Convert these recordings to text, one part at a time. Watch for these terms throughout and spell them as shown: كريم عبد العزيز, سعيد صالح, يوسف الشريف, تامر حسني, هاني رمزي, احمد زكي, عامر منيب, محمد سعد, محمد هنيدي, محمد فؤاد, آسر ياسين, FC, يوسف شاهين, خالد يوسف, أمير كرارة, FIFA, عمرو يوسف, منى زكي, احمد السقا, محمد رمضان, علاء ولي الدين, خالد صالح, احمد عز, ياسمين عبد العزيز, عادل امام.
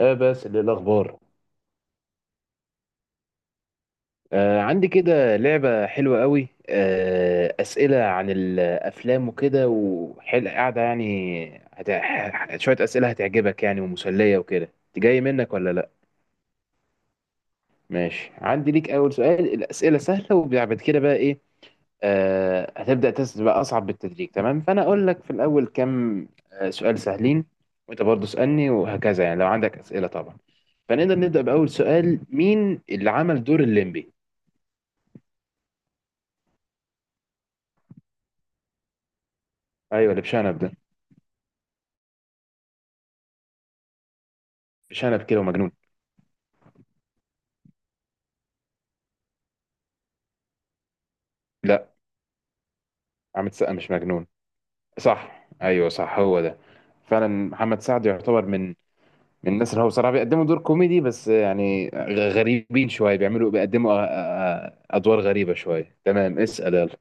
بس للأخبار. عندي كده لعبة حلوة قوي، أسئلة عن الأفلام وكده وحل قاعدة يعني شوية أسئلة هتعجبك يعني ومسلية وكده، جاي منك ولا لأ؟ ماشي، عندي ليك أول سؤال، الأسئلة سهلة وبعد كده بقى إيه، هتبدأ تسأل بقى أصعب بالتدريج، تمام؟ فأنا أقول لك في الأول كام سؤال سهلين، وأنت برضه اسألني وهكذا يعني، لو عندك أسئلة طبعا. فنقدر نبدأ بأول سؤال، مين اللي عمل دور الليمبي؟ ايوه، اللي بشنب ده، بشنب كده ومجنون. لا، عامل سقا مش مجنون. صح، ايوه صح، هو ده. فعلا محمد سعد يعتبر من من الناس اللي هو بصراحه بيقدموا دور كوميدي بس يعني غريبين شويه، بيعملوا بيقدموا ادوار غريبه شويه. تمام، اسال يلا.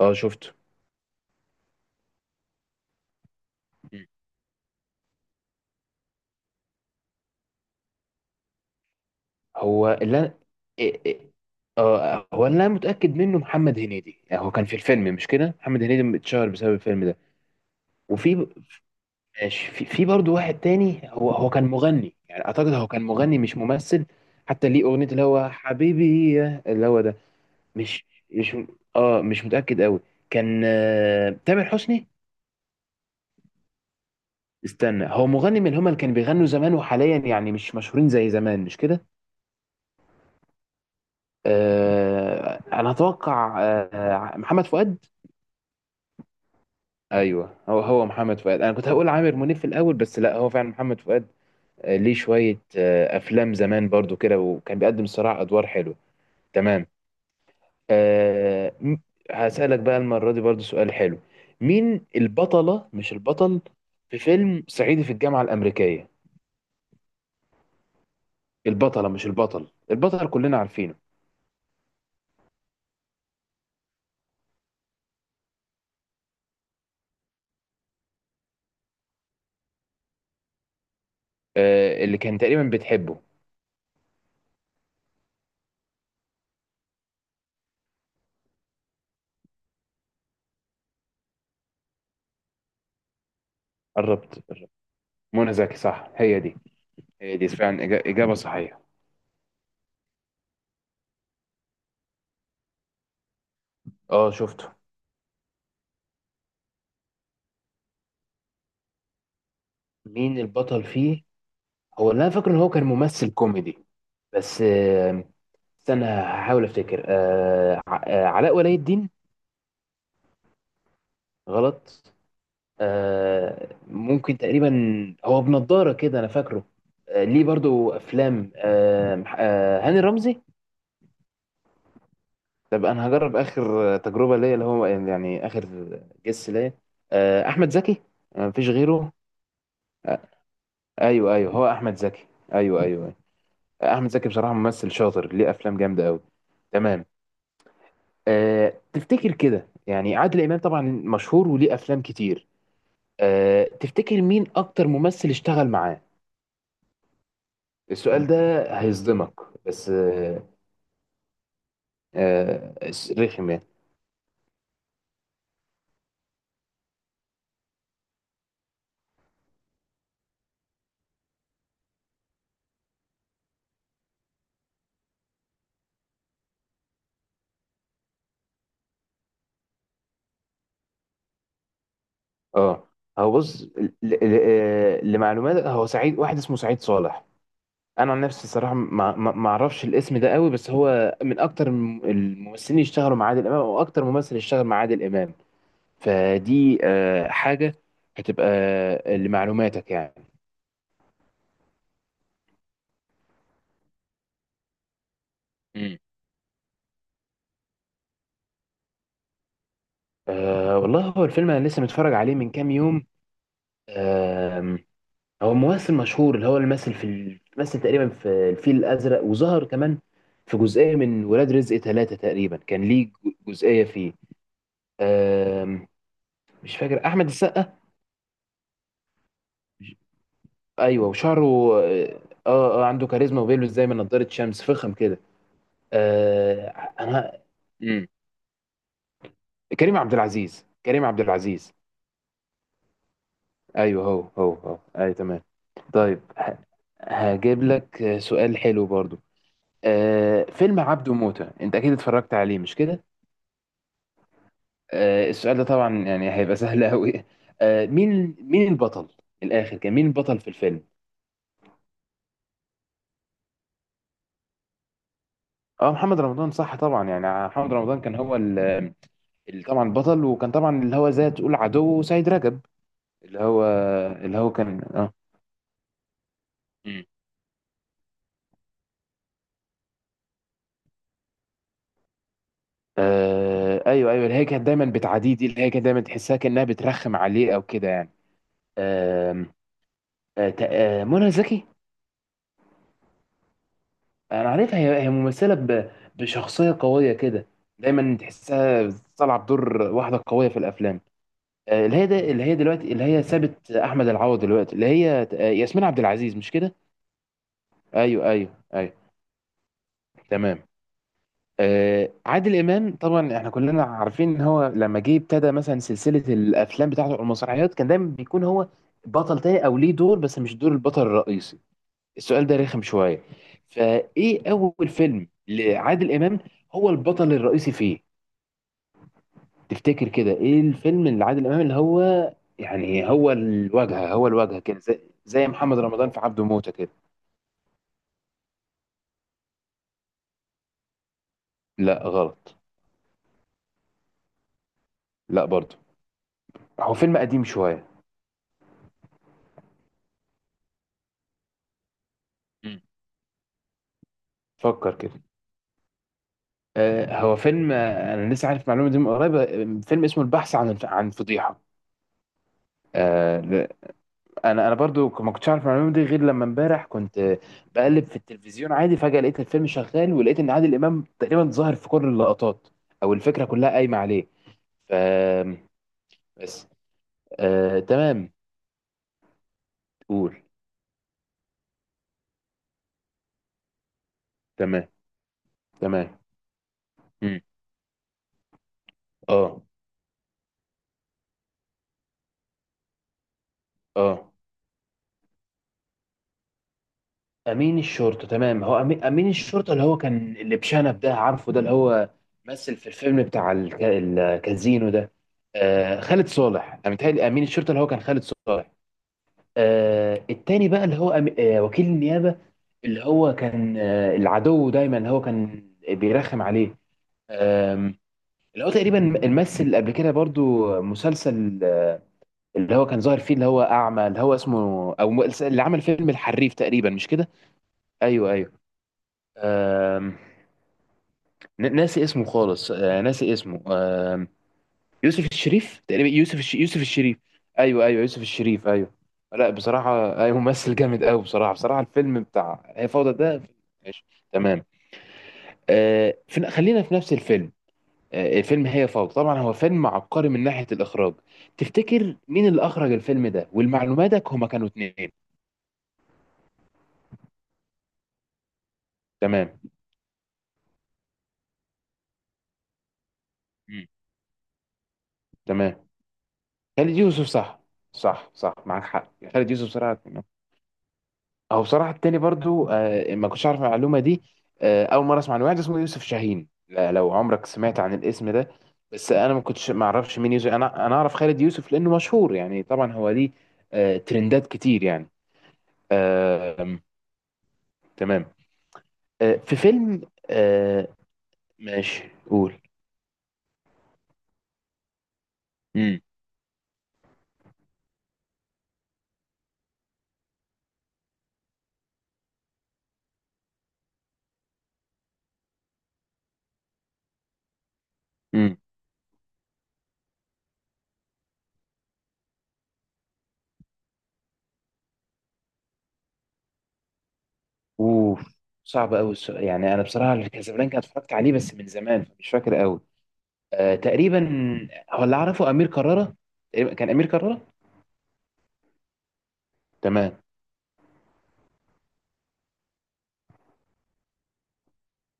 اه شفته. مم. هو اللي انا إيه- إيه- اه، هو اللي انا متاكد منه محمد هنيدي، يعني هو كان في الفيلم مش كده؟ محمد هنيدي اتشهر بسبب الفيلم ده. وفي ماشي، في برضه واحد تاني، هو كان مغني يعني، اعتقد هو كان مغني مش ممثل، حتى ليه اغنيه اللي هو حبيبي اللي هو ده. مش مش اه مش متاكد قوي. كان تامر حسني. استنى، هو مغني، من هما اللي كانوا بيغنوا زمان وحاليا يعني مش مشهورين زي زمان، مش كده؟ انا اتوقع محمد فؤاد. ايوه هو هو محمد فؤاد، انا كنت هقول عامر منيب في الاول بس لا، هو فعلا محمد فؤاد. ليه شويه افلام زمان برضو كده، وكان بيقدم صراع ادوار حلو. تمام. أه م- هسألك بقى المرة دي برضو سؤال حلو، مين البطلة مش البطل في فيلم صعيدي في الجامعة الأمريكية؟ البطلة مش البطل، البطل كلنا عارفينه. أه اللي كان تقريبا بتحبه. قربت. منى زكي صح، هي دي. هي دي فعلا إجابة صحيحة. اه شفته. مين البطل فيه؟ هو اللي أنا فاكره إن هو كان ممثل كوميدي، بس استنى هحاول أفتكر. أه ع- آه، علاء ولي الدين. غلط؟ ممكن، تقريبا هو بنضارة كده انا فاكره. ليه برضو افلام، هاني رمزي. طب انا هجرب اخر تجربة ليا، اللي هو يعني اخر جس ليا. احمد زكي. مفيش غيره. آه، ايوه ايوه، هو احمد زكي. ايوه ايوه، أيوة. احمد زكي بصراحة ممثل شاطر، ليه افلام جامدة قوي. تمام. أه تفتكر كده يعني، عادل امام طبعا مشهور وليه افلام كتير، أه تفتكر مين اكتر ممثل اشتغل معاه؟ السؤال ده هيصدمك بس آه، رخم يعني. اه. هو بص لمعلومات، هو سعيد، واحد اسمه سعيد صالح. انا عن نفسي الصراحه ما اعرفش الاسم ده قوي، بس هو من اكتر الممثلين اللي اشتغلوا مع عادل امام، او اكتر ممثل اشتغل مع عادل امام. فدي حاجه هتبقى لمعلوماتك يعني. مم. والله هو الفيلم انا لسه متفرج عليه من كام يوم. هو ممثل مشهور، اللي هو اللي مثل في مثل تقريبا في الفيل الازرق، وظهر كمان في جزئيه من ولاد رزق ثلاثة تقريبا، كان ليه جزئيه فيه. آم، مش فاكر، احمد السقا؟ ايوه وشعره. اه اه، عنده كاريزما وبيلبس زي ما نضاره شمس فخم كده. آه انا. مم. كريم عبد العزيز، كريم عبد العزيز. ايوه هو هو هو، ايوه تمام. طيب هجيب لك سؤال حلو برضو، فيلم عبده موتة انت اكيد اتفرجت عليه مش كده؟ السؤال ده طبعا يعني هيبقى سهل قوي. مين مين البطل؟ من الاخر، كان مين البطل في الفيلم؟ اه محمد رمضان صح، طبعا يعني محمد رمضان كان هو طبعا البطل، وكان طبعا اللي هو زي تقول عدو سيد رجب. اللي هو اللي هو كان اه. مم. ايوه ايوه، اللي هي كانت دايما بتعاديه دي، اللي هي كانت دايما تحسها كانها بترخم عليه او كده يعني. آم، آه، تق- آه، منى زكي. انا عارفها، هي هي ممثله بشخصيه قويه كده، دايما تحسها طالعه بدور واحده قويه في الافلام. اللي هي ده اللي هي دلوقتي اللي هي سابت احمد العوض دلوقتي، اللي هي ياسمين عبد العزيز مش كده؟ ايوه ايوه ايوه. تمام. عادل امام طبعا احنا كلنا عارفين ان هو لما جه ابتدى مثلا سلسله الافلام بتاعته أو المسرحيات، كان دايما بيكون هو بطل تاني او ليه دور بس مش دور البطل الرئيسي. السؤال ده رخم شوية، فايه اول فيلم لعادل امام هو البطل الرئيسي فيه؟ تفتكر كده، ايه الفيلم اللي عادل امام اللي هو يعني هو الواجهة، هو الواجهة كده زي، زي محمد رمضان في عبده موتة كده. لا غلط. لا برضه. هو فيلم قديم شوية. مم. فكر كده. هو فيلم، انا لسه عارف معلومة دي من قريب، فيلم اسمه البحث عن عن فضيحة. آه انا برضو ما كنتش عارف المعلومه دي غير لما امبارح كنت بقلب في التلفزيون عادي، فجاه لقيت الفيلم شغال، ولقيت ان عادل امام تقريبا ظاهر في كل اللقطات او الفكره كلها قايمه عليه. ف بس. تمام، قول. تمام تمام. مم. اه. اه، امين الشرطه تمام. هو امين، أمين الشرطه اللي هو كان اللي بشنب ده، عارفه ده اللي هو مثل في الفيلم بتاع الكازينو ده. خالد صالح، انا متهيألي امين الشرطه اللي هو كان خالد صالح. آه التاني بقى اللي هو وكيل النيابة، اللي هو كان العدو دايما اللي هو كان بيرخم عليه. آم، اللي هو تقريبا مثل قبل كده برضو مسلسل اللي هو كان ظاهر فيه اللي هو أعمى، اللي هو اسمه اللي عمل فيلم الحريف تقريبا مش كده؟ أيوه أيوه. آم، ناسي اسمه خالص، آه ناسي اسمه. يوسف الشريف تقريبا، يوسف الشريف. ايوه ايوه يوسف الشريف ايوه. لا بصراحه ايوه، ممثل جامد قوي بصراحه، بصراحه الفيلم بتاع هي فوضى ده. ماشي تمام. خلينا في نفس الفيلم، الفيلم هي فوضى، طبعا هو فيلم عبقري من ناحيه الاخراج، تفتكر مين اللي اخرج الفيلم ده؟ والمعلوماتك هما كانوا اتنين. تمام. مم. تمام، خالد يوسف صح. صح صح معاك حق، خالد يوسف بصراحه. هو بصراحة التاني برضو ما كنتش عارف المعلومة دي، أول مرة أسمع عن واحد اسمه يوسف شاهين، لو عمرك سمعت عن الاسم ده، بس أنا ما كنتش ما أعرفش مين يوسف، أنا أعرف خالد يوسف لأنه مشهور يعني، طبعا هو ليه ترندات كتير يعني. آه آم، تمام. في فيلم. آه ماشي، قول. امم. امم. أوف، صعب أوي السؤال يعني، أنا بصراحة كازابلانكا اتفرجت عليه بس من زمان فمش فاكر أوي. تقريبا هو اللي أعرفه أمير كرارة، تقريباً كان أمير كرارة. تمام.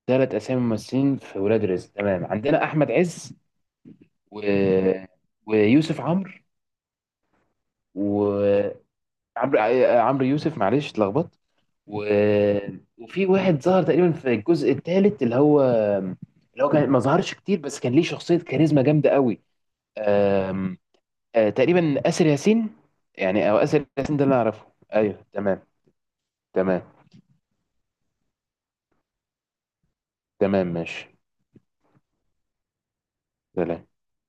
ثلاث اسامي ممثلين في ولاد رزق تمام، عندنا احمد عز، و... ويوسف عمرو، وعمرو، عمرو يوسف، معلش اتلخبطت. و... وفي واحد ظهر تقريبا في الجزء الثالث اللي هو، اللي هو كان ما ظهرش كتير بس كان ليه شخصية كاريزما جامدة قوي. أم... أه تقريبا آسر ياسين، يعني او آسر ياسين ده اللي اعرفه، ايوه تمام. تمام تمام، ماشي سلام.